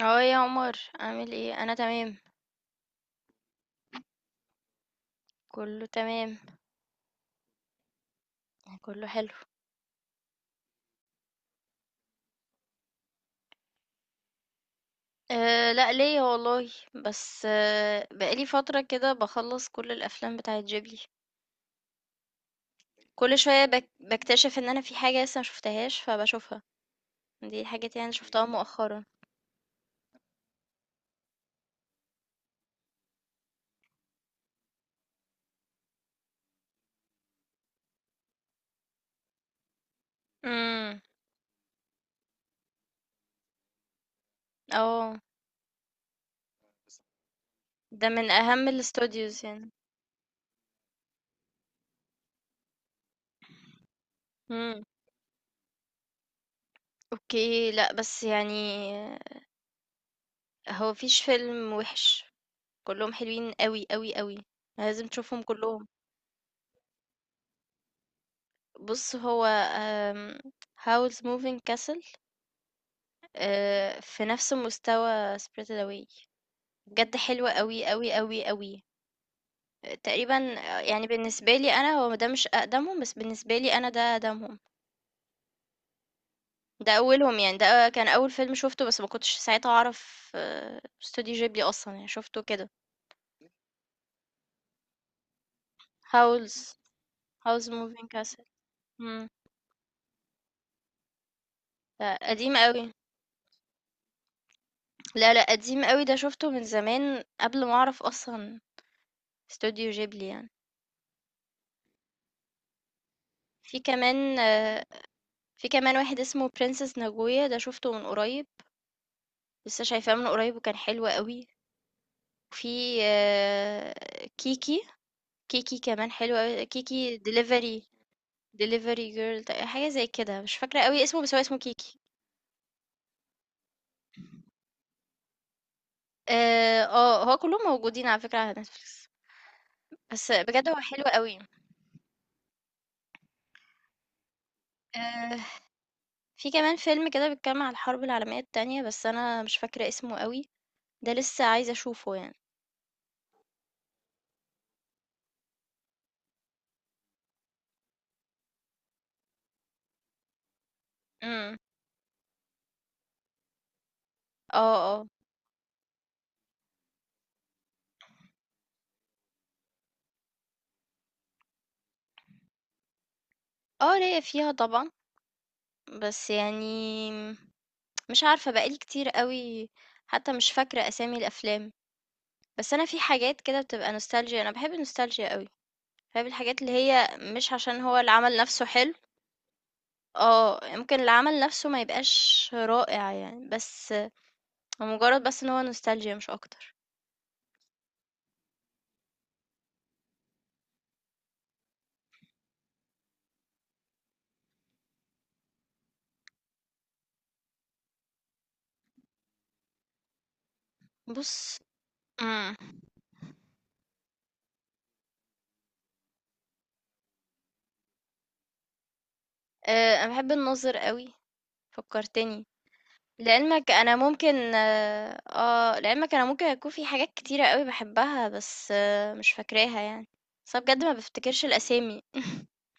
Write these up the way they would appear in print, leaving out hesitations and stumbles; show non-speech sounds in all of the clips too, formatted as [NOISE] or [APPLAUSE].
اه يا عمر عامل ايه انا تمام. كله تمام. كله حلو. أه، لا ليا والله. بس بقالي فترة كده بخلص كل الافلام بتاعه جيبلي. كل شوية بكتشف ان انا في حاجة لسه مشوفتهاش فبشوفها. دي الحاجات يعني شفتها مؤخرا. امم. اه. ده من اهم الاستوديوز يعني. امم. اوكي، لا بس يعني هو مفيش فيلم وحش. كلهم حلوين قوي قوي قوي. لازم تشوفهم كلهم. بُص، هو آمم Howl's Moving Castle. في نفس مستوى Spirited Away. بجد حلو أوي، أوي، أوي، أوي. تقريبًا، يعني بالنسبة لي أنا هو ده مش أقدمهم، بس بالنسبة لي أنا ده أقدمهم، ده أولهم يعني، ده كان أول فيلم شُفته بس ما كنتش ساعتها أعرف استوديو غيبلي أصلًا، يعني شُفته كده. Howl's Howl's Moving Castle. إمم. ده قديم أوي. لا، لأ قديم أوي، ده شُفته من زمان قبل ما أعرف أصلًا استوديو غيبلي يعني. في كمان آه، في كمان واحد اسمه Princess Naguya، ده شُفته من قريب، لسه شايفاه من قريب وكان حلو أوي. وفي آآ كيكي، كيكي كمان حلو أوي، كيكي delivery girl، حاجة زي كده، مش فاكرة أوي اسمه بس هو اسمه كيكي. هو كلّهم موجودين على فكرة على Netflix، بس بجد هو حلو أوي. آآ في كمان فيلم كده بيتكلّم عن الحرب العالمية التانية، بس أنا مش فاكرة اسمه أوي، ده لسه عايزة أشوفه يعني. إمم. آه، آه. آه، ليّا فيها طبعًا. بس يعني مش عارفة بقى لي كتير أوي، حتى مش فاكرة أسامي الأفلام. بس أنا في حاجات كده بتبقى nostalgia، أنا بحب النوستالجيا أوي. بحب الحاجات اللي هي مش عشان هو العمل نفسه حلو. اه، يمكن العمل نفسه ما يبقاش رائع يعني، بس هو مجرد بس ان هو نوستالجيا مش اكتر. بص، امم انا بحب الناظر قوي. فكرتني. لعلمك انا ممكن يكون في حاجات كتيرة قوي بحبها، بس مش فاكراها يعني. بس أنا بجد ما بفتكرش الاسامي. [LAUGHS]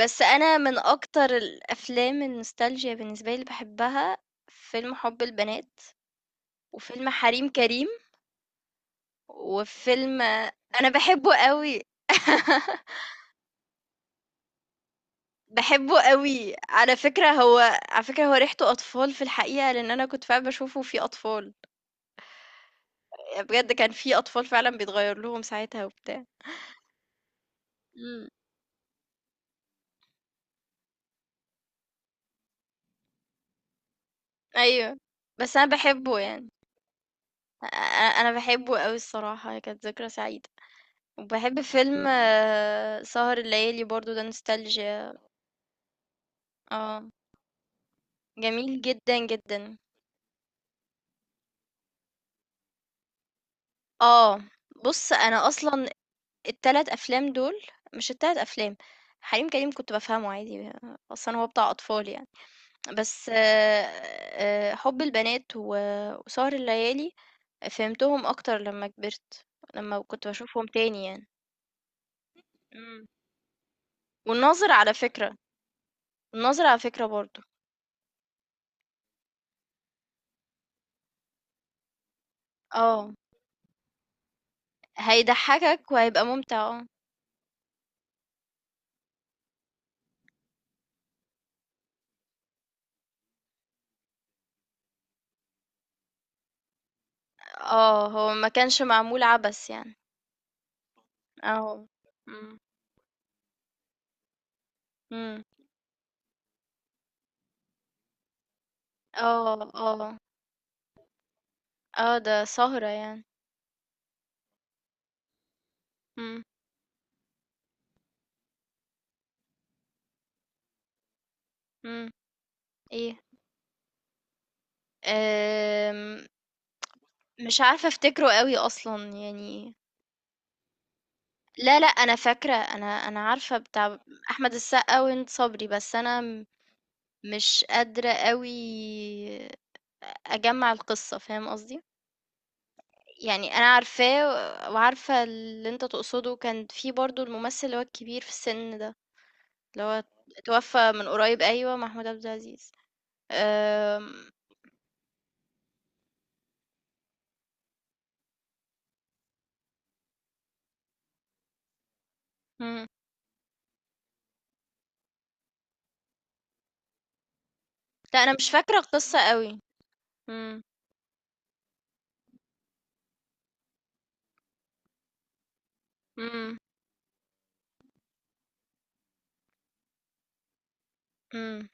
بس انا من اكتر الافلام النوستالجيا بالنسبه لي اللي بحبها فيلم حب البنات، وفيلم حريم كريم، وفيلم انا بحبه قوي. [LAUGHS] بحبه قوي على فكره، هو ريحته اطفال في الحقيقه، لان انا كنت فعلا بشوفه فيه اطفال، بجد كان في أطفال فعلًا بيتغيّر لهم ساعتها وبتاع. إمم، أيوه. بس أنا باحبه يعني، أ أ أنا باحبه أوي الصراحة، هي كانت ذكرى سعيدة. وباحب فيلم سهر الليالي برضه، ده نوستالجيا. آه، جميل جدًا، جدًا. آه، بُص أنا أصلًا ال3 أفلام دول، مش ال3 أفلام، حريم كريم كنت بافهمه عادي، أصلًا هو بتاع أطفال يعني. بس حُب البنات و وسهر الليالي فهمتهم أكتر لمّا كبرت، لمّا كنت باشوفهم تاني يعني. إمم. والناظر على فكرة، الناظر على فكرة برضه، آه، هيضحّكك وهيبقى ممتع. هو ما كانش معمول عبث يعني. آه. إمم. إمم، آه، آه، ده سهرة يعني. إمم. إمم، إيه، آمم، مش عارفة أفتكره أوي أصلًا يعني. لا لأ، أنا فاكرة، أنا عارفة بتاع أحمد السقا وهند صبري، بس أنا مش قادرة أوي أجمّع القصة، فاهم قصدي؟ يعني أنا عارفاه وعارفة اللي أنت تقصده، كان في برضه الممثل اللي هو الكبير في السن ده، اللي هو اتوفى من قريب، أيوه، محمود عبد العزيز. آمم، إمم، لأ أنا مش فاكرة القصة أوي. إمم، إمم، إمم،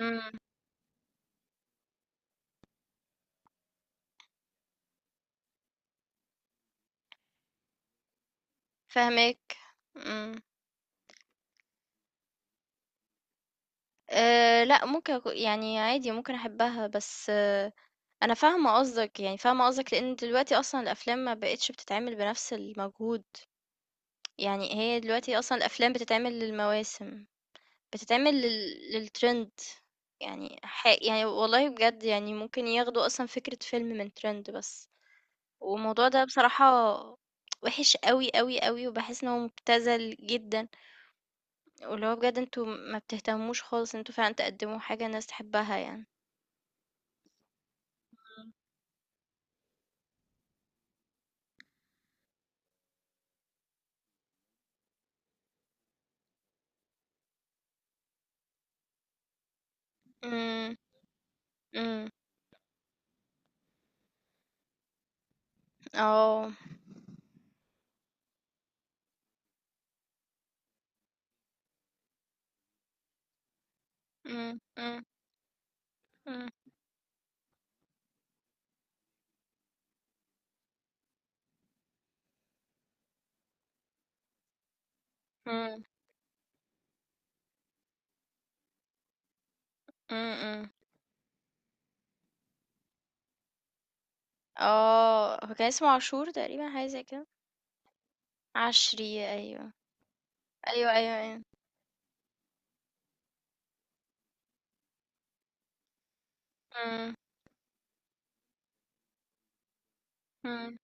إمم، فاهماك، إمم. لأ، ممكن أكو يعني عادي ممكن أحبها، بس أنا فاهمة قصدك، يعني فاهمة قصدك، لإن دلوقتي أصلًا الأفلام ما بقِتش بتتعمل بنفس المجهود، يعني هي دلوقتي أصلًا الأفلام بتتعمل للمواسم، بتتعمل لل للtrend. يعني ح يعني والله بجد يعني ممكن ياخدوا أصلًا فكرة فيلم من trend بس، والموضوع ده بصراحة وِحِش أوي، أوي، أوي، وباحس إن هو مُبتذل جدًا، واللي هو بجد أنتم ما بتهتموش خالص إن أنتم فعلًا تقدّموا حاجة الناس تحبها يعني. إمم، إمم، آه. إمم، إمم، إمم، إمم، إمم، إمم، هو كان اسمه عاشور تقريبًا، حاجة زي كده، عشري، أيوه، أيوه، أيوه، أيوه، إمم، إمم،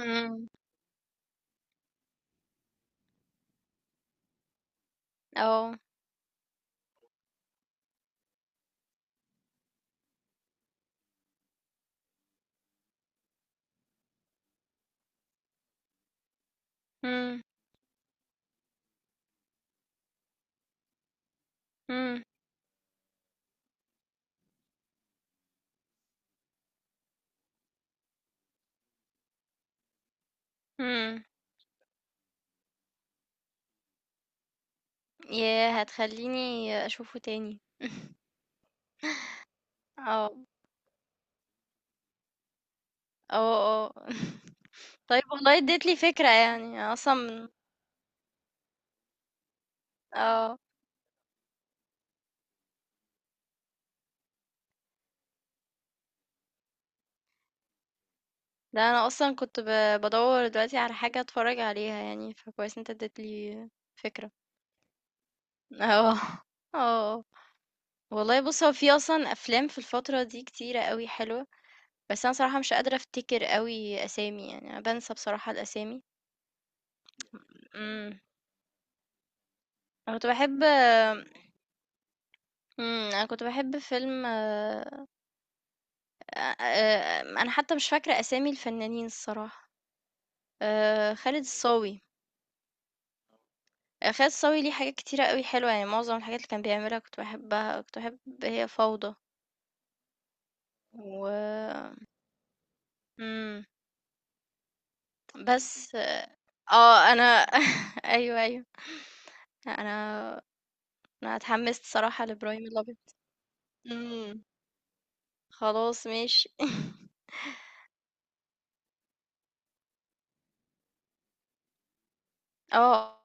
إمم، آه، إمم، إمم، إمم، ياه! هتخلّيني أشوفه تاني. [LAUGHS] آه، آه، آه، [LAUGHS] طيب والله اديت لي فكرة، يعني أنا أصلًا آه. لا انا اصلا كنت بدور دلوقتي على حاجه اتفرج عليها يعني، فكويس انت اديتلي فكره. [LAUGHS] اه، اه، والله بص هو في اصلا افلام في الفتره دي كتيره قوي حلوه، بس انا صراحه مش قادره افتكر قوي اسامي، يعني انا بنسى بصراحه الاسامي. امم، انا كنت بحب انا كنت بحب فيلم انا حتى مش فاكره اسامي الفنانين الصراحه، خالد الصاوي. خالد صاوي ليه حاجات كتيرة أوي حلوة، يعني معظم الحاجات اللي كان بيعملها كنت باحبها، كنت باحب هي فوضى، و إمم، بس أنا [LAUGHS] أيوه، أيوه. أنا أنا اتحمست صراحة لإبراهيم الأبيض. إمم، خلاص ماشي. [LAUGHS] آه.